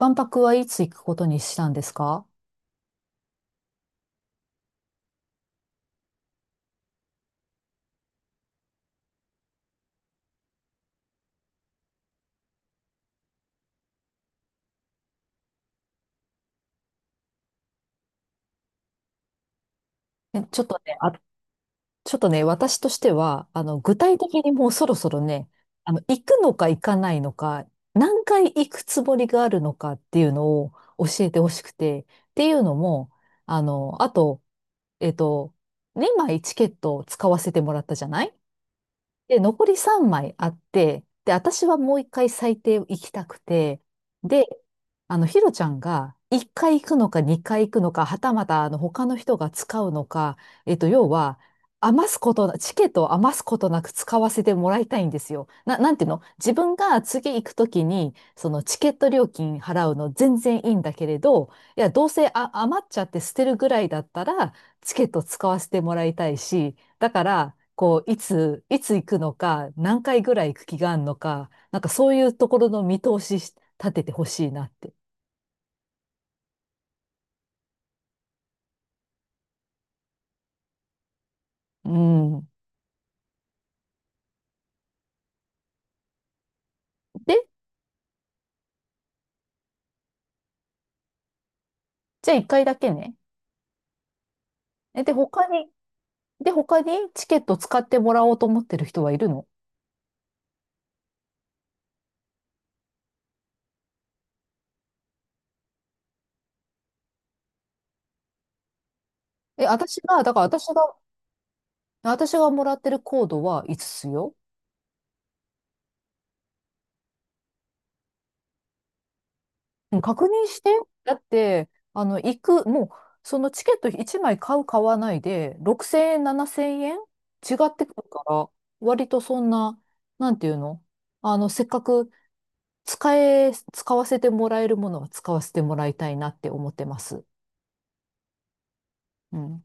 万博はいつ行くことにしたんですか？え、ちょっとね、あ、ちょっとね、私としては、具体的にもうそろそろね、行くのか行かないのか、何回行くつもりがあるのかっていうのを教えてほしくて、っていうのも、あと、えっと、2枚チケットを使わせてもらったじゃない。で、残り3枚あって、で、私はもう一回最低行きたくて、で、ひろちゃんが一回行くのか二回行くのか、はたまたあの他の人が使うのか、要は、余すことな、チケットを余すことなく使わせてもらいたいんですよ。なんていうの、自分が次行くときに、そのチケット料金払うの全然いいんだけれど、いや、どうせ、余っちゃって捨てるぐらいだったら、チケット使わせてもらいたいし、だから、こう、いつ行くのか、何回ぐらい行く気があるのか、なんかそういうところの見通し立ててほしいなって。うん。で、じゃあ一回だけね。え、で、他に、で、他にチケット使ってもらおうと思ってる人はいるの？私が、だから私が、私がもらってるコードはいつつよ。うん、確認して。だって、もう、そのチケット1枚買う、買わないで、6000円、7000円違ってくるから、割とそんな、なんていうの、せっかく使わせてもらえるものは使わせてもらいたいなって思ってます。うん。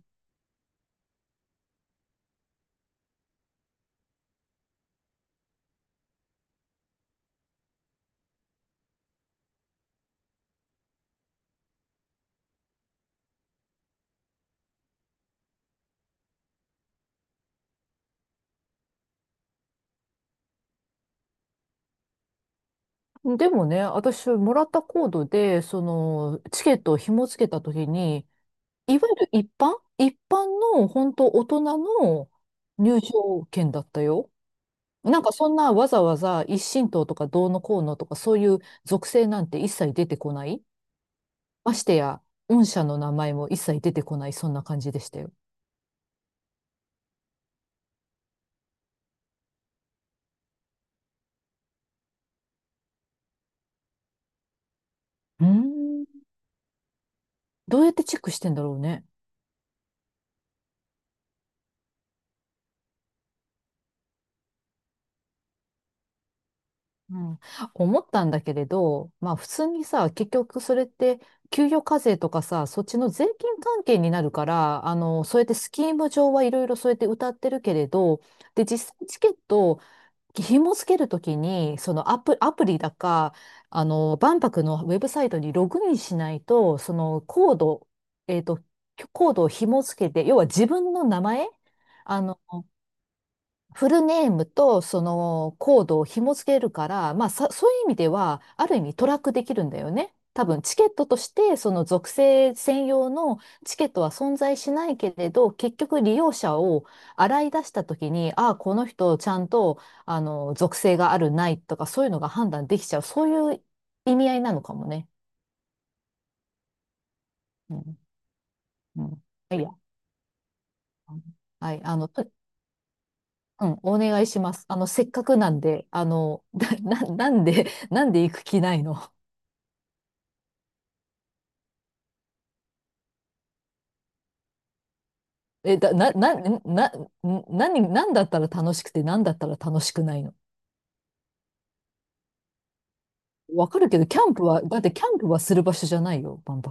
でもね、私、もらったコードで、チケットを紐付けたときに、いわゆる一般の、本当大人の入場券だったよ。なんかそんなわざわざ一神党とかどうのこうのとかそういう属性なんて一切出てこない。ましてや、御社の名前も一切出てこない、そんな感じでしたよ。うーん。どうやってチェックしてんだろうね。うん。思ったんだけれど、まあ普通にさ、結局それって給与課税とかさ、そっちの税金関係になるから、そうやってスキーム上はいろいろそうやって歌ってるけれど、で、実際チケット、紐付けるときに、そのアプリだか、万博のウェブサイトにログインしないと、えっと、コードを紐付けて、要は自分の名前、あの、フルネームとそのコードを紐付けるから、まあさ、そういう意味では、ある意味トラックできるんだよね。多分チケットとして、その属性専用のチケットは存在しないけれど、結局利用者を洗い出したときに、ああ、この人ちゃんと、属性があるないとか、そういうのが判断できちゃう。そういう意味合いなのかもね。うん。うん。いや。はい。うん、お願いします。せっかくなんで、なんで行く気ないの？え、だ、な、な、な、な、何、なんだったら楽しくて、なんだったら楽しくないの？わかるけど、キャンプは、だってキャンプはする場所じゃないよ、バン。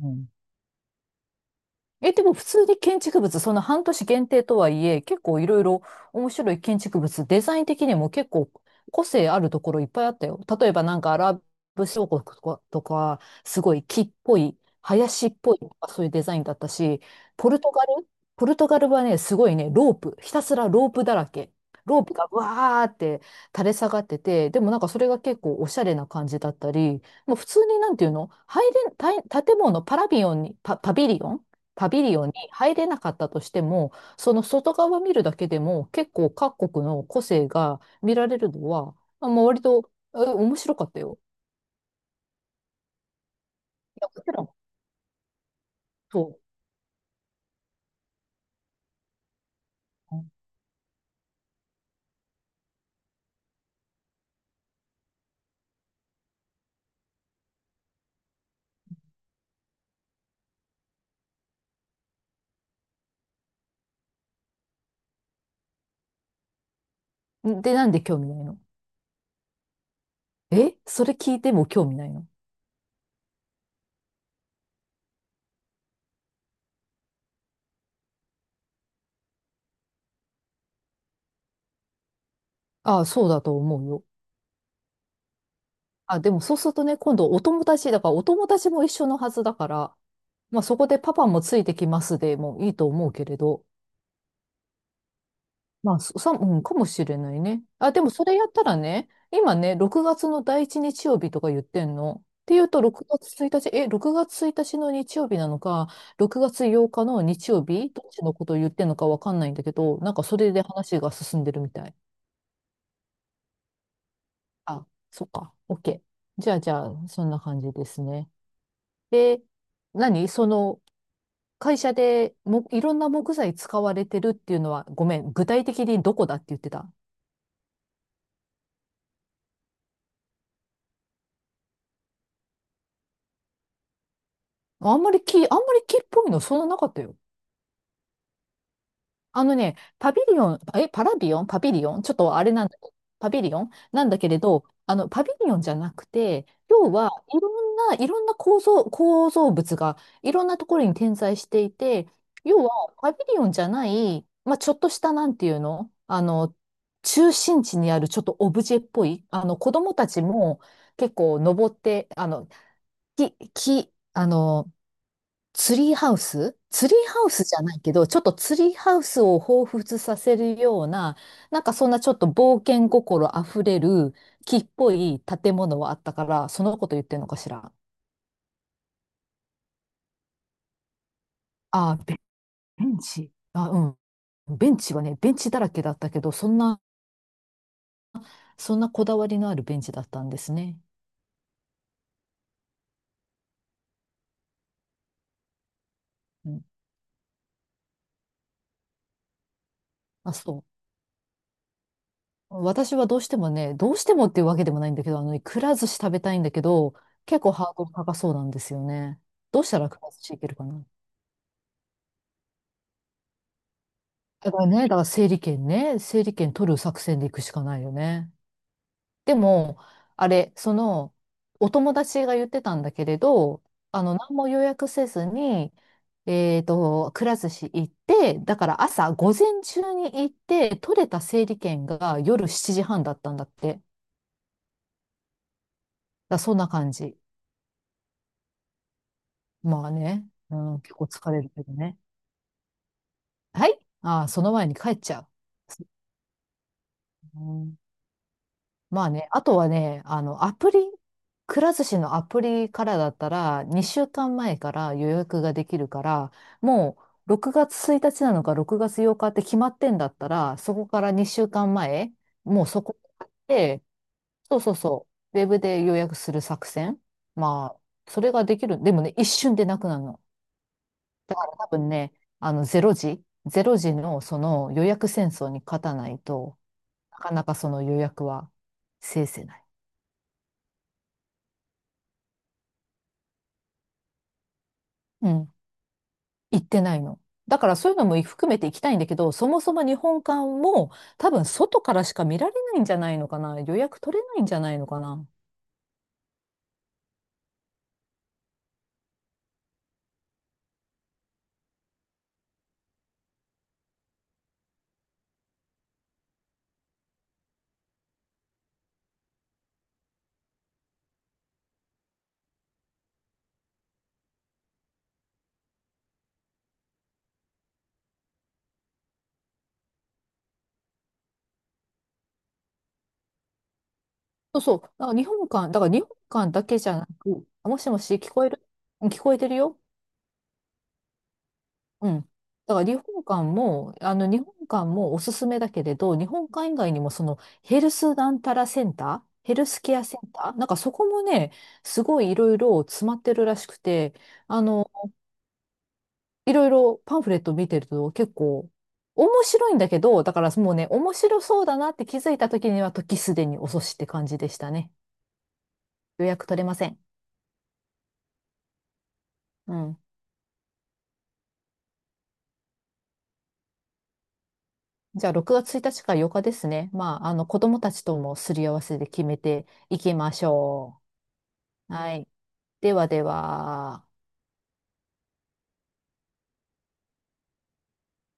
うん。でも普通に建築物、その半年限定とはいえ、結構いろいろ面白い建築物、デザイン的にも結構個性あるところいっぱいあったよ。例えばなんかアラブ諸国とか、すごい木っぽい、林っぽいとかそういうデザインだったし、ポルトガルポルトガルはね、すごいね、ロープ、ひたすらロープだらけ。ロープがわーって垂れ下がってて、でもなんかそれが結構おしゃれな感じだったり、もう普通になんていうの、入れん、たい建物、パラビオンに、パ、パビリオンパビリオンに入れなかったとしても、その外側見るだけでも結構各国の個性が見られるのは、まあ、割と、面白かったよ。いや、こちらもそう。うん。で、なんで興味ないの？それ聞いても興味ないの？ああ、そうだと思うよ。あ、でもそうするとね、今度お友達、だからお友達も一緒のはずだから、まあそこでパパもついてきますでもいいと思うけれど、まあ、そうん、かもしれないね。あ、でもそれやったらね、今ね、6月の第一日曜日とか言ってんの。っていうと、6月1日、6月1日の日曜日なのか、6月8日の日曜日、どっちのことを言ってんのかわかんないんだけど、なんかそれで話が進んでるみたい。あ、そっか、OK。じゃあ、そんな感じですね。で、何その、会社でも、いろんな木材使われてるっていうのは、ごめん、具体的にどこだって言ってた？あんまり木っぽいのそんななかったよ。あのね、パビリオン、え、パラビオンパビリオンちょっとあれなんだ、パビリオンなんだけれど、パビリオンじゃなくて、要はいろんな構造物がいろんなところに点在していて、要はパビリオンじゃない、まあ、ちょっとしたなんていうの、中心地にあるちょっとオブジェっぽい、子供たちも結構登って、あの、木、木、あの、ツリーハウスじゃないけど、ちょっとツリーハウスを彷彿させるような、なんかそんなちょっと冒険心あふれる木っぽい建物はあったから、そのこと言ってるのかしら。あー、ベベンチ。あ、うん。ベンチはね、ベンチだらけだったけど、そんなこだわりのあるベンチだったんですね。うん。あ、そう。私はどうしてもね、どうしてもっていうわけでもないんだけど、あのね、くら寿司食べたいんだけど、結構ハードル高そうなんですよね。どうしたらくら寿司いけるかな？だからね、だから整理券取る作戦で行くしかないよね。でも、あれ、お友達が言ってたんだけれど、何も予約せずに、くら寿司行って、だから朝、午前中に行って、取れた整理券が夜7時半だったんだって。だからそんな感じ。まあね、うん、結構疲れるけどね。はい。ああ、その前に帰っちゃう。うん。まあね、あとはね、アプリ、くら寿司のアプリからだったら、2週間前かんまえから予約ができるから、もう6月1日なのか6月8日って決まってんだったら、そこから2週間前、もうそこで、そうそうそう、ウェブで予約する作戦。まあ、それができる。でもね、一瞬でなくなるの。多分ね、ゼロ時のその予約戦争に勝たないとなかなかその予約は制せない。うん。行ってないの？だからそういうのも含めて行きたいんだけど、そもそも日本館も多分外からしか見られないんじゃないのかな。予約取れないんじゃないのかな。そうそう。だから日本館だけじゃなく、あ、もしもし聞こえる？うん、聞こえてるよ。うん。だから日本館も、あの日本館もおすすめだけれど、日本館以外にもそのヘルスなんたらセンター、ヘルスケアセンター、なんかそこもね、すごいいろいろ詰まってるらしくて、あのいろいろパンフレット見てると結構面白いんだけど、だからもうね、面白そうだなって気づいた時には時すでに遅しって感じでしたね。予約取れません。うん。じゃあ6月1日か8日ですね。まあ、あの子供たちともすり合わせで決めていきましょう。はい。ではでは。